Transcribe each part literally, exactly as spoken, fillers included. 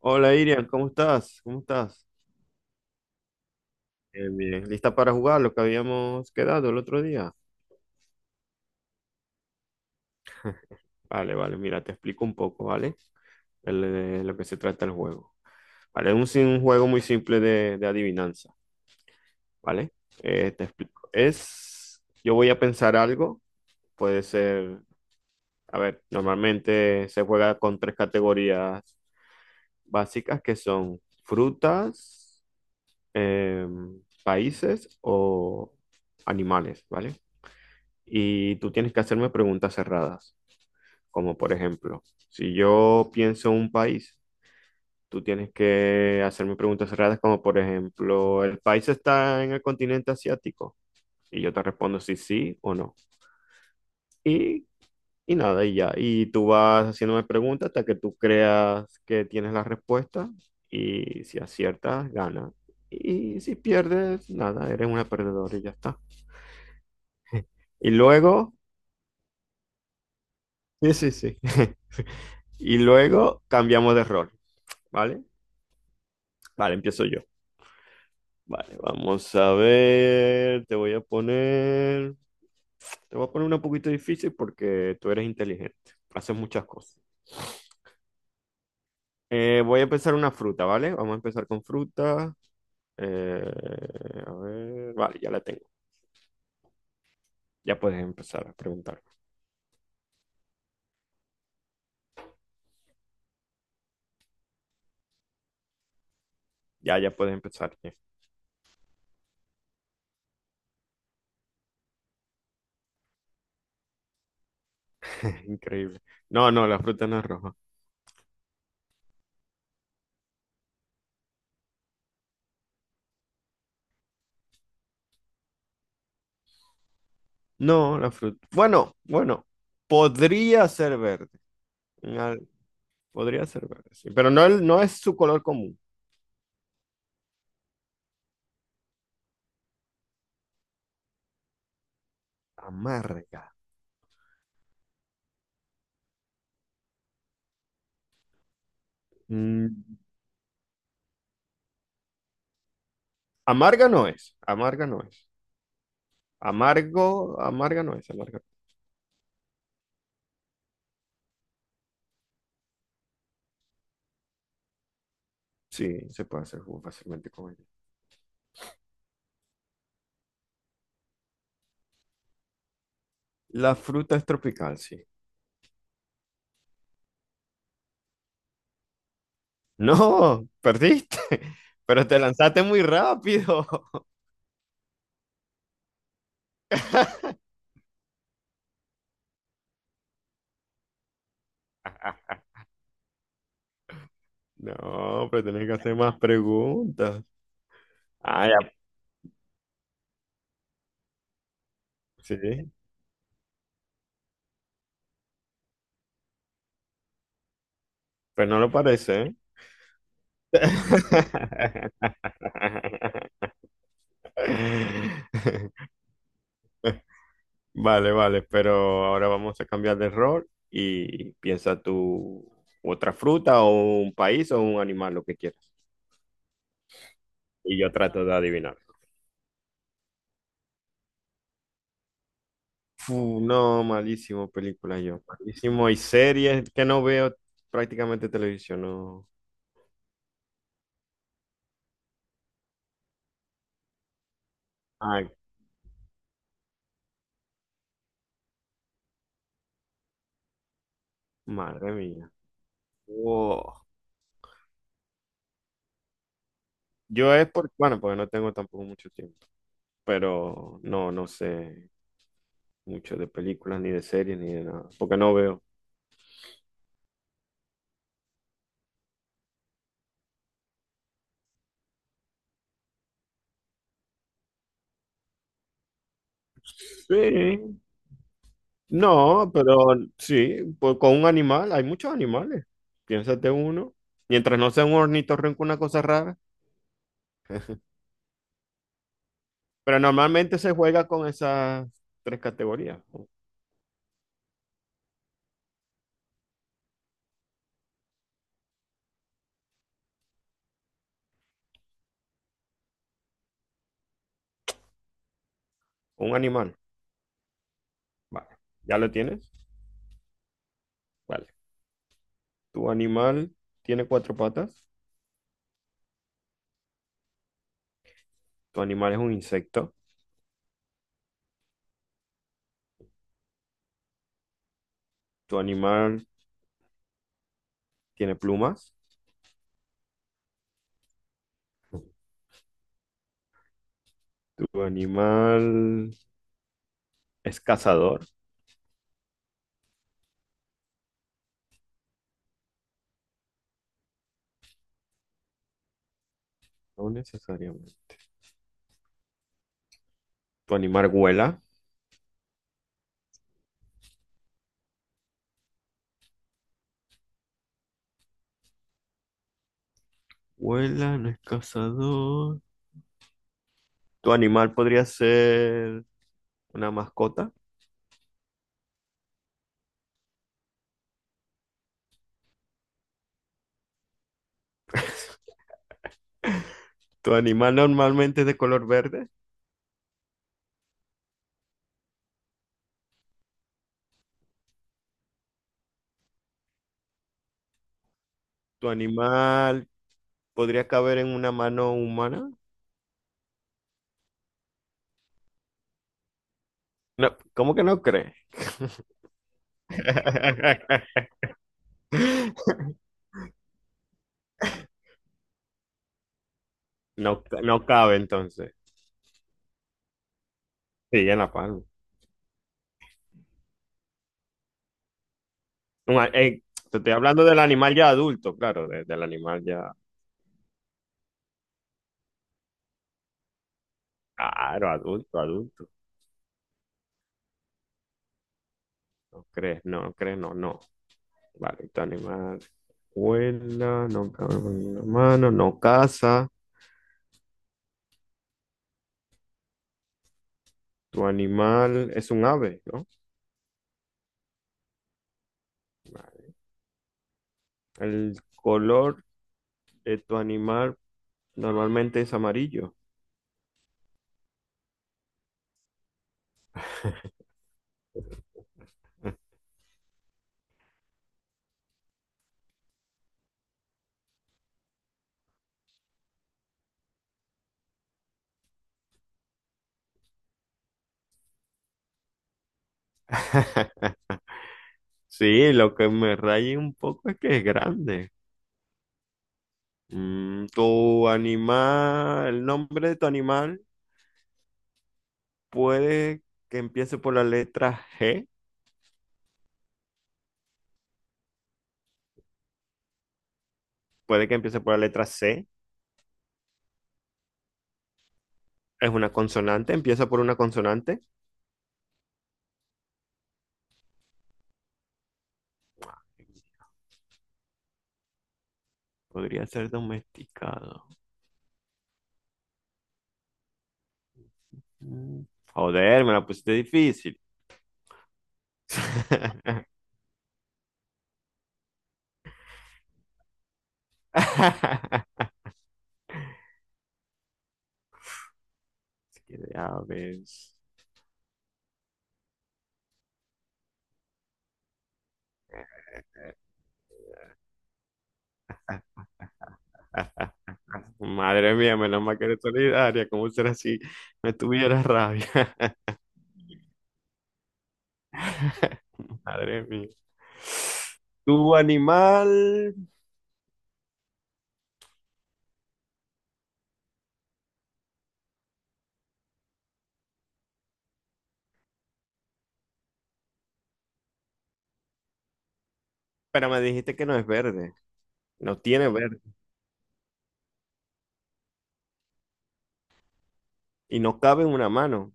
Hola Irian, ¿cómo estás? ¿Cómo estás? Bien, bien. ¿Lista para jugar lo que habíamos quedado el otro día? Vale, vale, mira, te explico un poco, ¿vale? El- De lo que se trata el juego. Vale, es un, sim- un juego muy simple de, de adivinanza, ¿vale? Eh, te explico. Es, yo voy a pensar algo, puede ser, a ver, normalmente se juega con tres categorías básicas que son frutas, em, países o animales, ¿vale? Y tú tienes que hacerme preguntas cerradas, como por ejemplo, si yo pienso un país, tú tienes que hacerme preguntas cerradas, como por ejemplo, ¿el país está en el continente asiático? Y yo te respondo si sí o no. Y, y nada, y ya. Y tú vas haciéndome preguntas hasta que tú creas que tienes la respuesta y si aciertas, gana. Y si pierdes, nada, eres una perdedora y ya está. Y luego, sí, sí, sí. Y luego cambiamos de rol. ¿Vale? Vale, empiezo yo. Vale, vamos a ver. Te voy a poner. Te voy a poner una poquito difícil porque tú eres inteligente. Haces muchas cosas. Eh, voy a empezar una fruta, ¿vale? Vamos a empezar con fruta. Eh, a ver. Vale, ya la tengo. Ya puedes empezar a preguntar. Ya, ya puedes empezar. Increíble. No, no, la fruta no es roja. No, la fruta. Bueno, bueno. Podría ser verde. Una- Podría ser verde, sí. Pero no, no es su color común. Amarga. Mm, Amarga no es, amarga no es. Amargo, amarga no es, amarga. Sí, se puede hacer jugo fácilmente con ella. La fruta es tropical, sí. No, perdiste, pero te lanzaste muy rápido. No, pero tenés que hacer más preguntas. Ah, ya, sí, pero no lo parece, ¿eh? Vale, vale, pero ahora vamos a cambiar de rol y piensa tú otra fruta o un país o un animal, lo que quieras. Y yo trato de adivinar. Fu, no, malísimo película yo. Malísimo. Y series que no veo prácticamente televisión, no. Ay, madre mía. Wow. Yo es por, bueno, porque no tengo tampoco mucho tiempo, pero no, no sé mucho de películas, ni de series, ni de nada, porque no veo. Sí, no, pero sí, pues con un animal, hay muchos animales. Piénsate uno. Mientras no sea un ornitorrinco, una cosa rara. Pero normalmente se juega con esas tres categorías. Con Un animal. Vale. ¿Ya lo tienes? Vale. Tu animal tiene cuatro patas. Tu animal es un insecto. Tu animal tiene plumas. Tu animal es cazador. No necesariamente. Tu animal vuela. Vuela, no es cazador. Tu animal podría ser una mascota. Tu animal normalmente es de color verde. Tu animal podría caber en una mano humana. No, ¿cómo que no crees? No, no cabe entonces. Sí, en la palma. Un a- eh, Te estoy hablando del animal ya adulto, claro, de- del animal ya. Claro, adulto, adulto. No crees, no no crees, no, no. Vale, tu animal vuela, no cabe en una mano, no caza. Tu animal es un ave, ¿no? El color de tu animal normalmente es amarillo. Sí, lo que me raya un poco es que es grande. Mm, tu animal, el nombre de tu animal puede que empiece por la letra G, puede que empiece por la letra C. Es una consonante, empieza por una consonante. Podría ser domesticado. Mm, Joder, me la pusiste difícil. Es que, a ver. Madre mía, menos mal que eres solidaria. ¿Cómo será si no tuviera rabia? Madre mía. Tu animal, pero me dijiste que no es verde, no tiene verde y no cabe en una mano.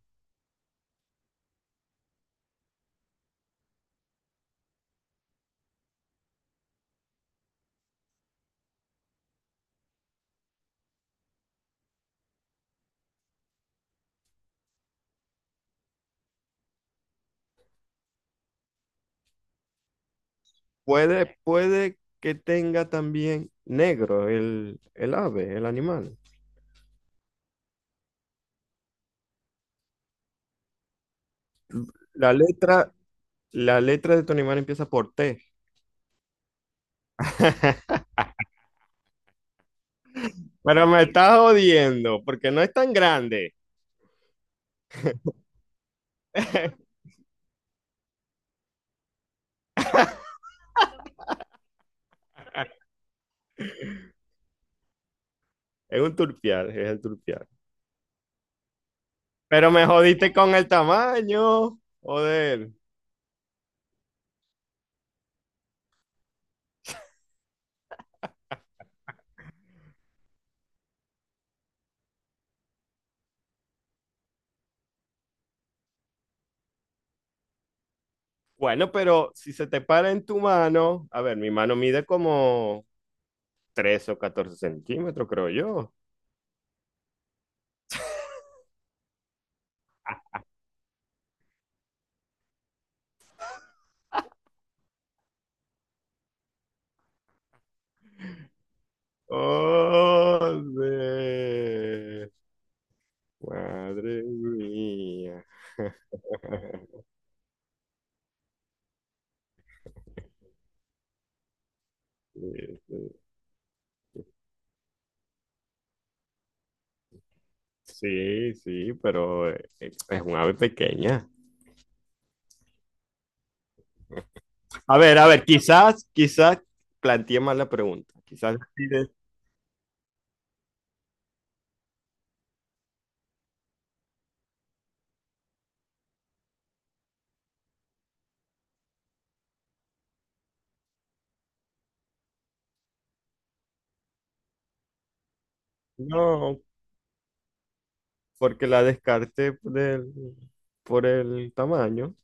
Puede, puede que tenga también negro el, el ave, el animal. La letra, la letra de tu animal empieza por T. Pero me estás jodiendo, porque no es tan grande. Es un turpial, es el turpial. Pero me jodiste con el tamaño. Joder. Bueno, pero si se te para en tu mano, a ver, mi mano mide como trece o catorce centímetros, creo yo. Joder. Madre mía. Sí, sí, sí, pero eh, es un ave pequeña. A ver, a ver, quizás, quizás planteé mal la pregunta. Quizás pides. No, porque la descarté por el, por el tamaño.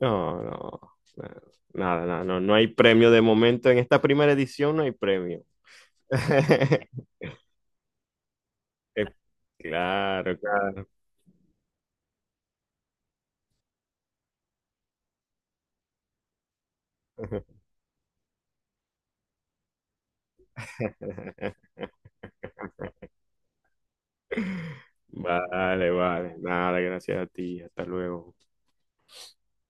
No, no, no, nada, nada, no, no hay premio de momento. En esta primera edición no hay premio. Eh, Claro, claro. Vale, vale. Nada, gracias a ti. Hasta luego.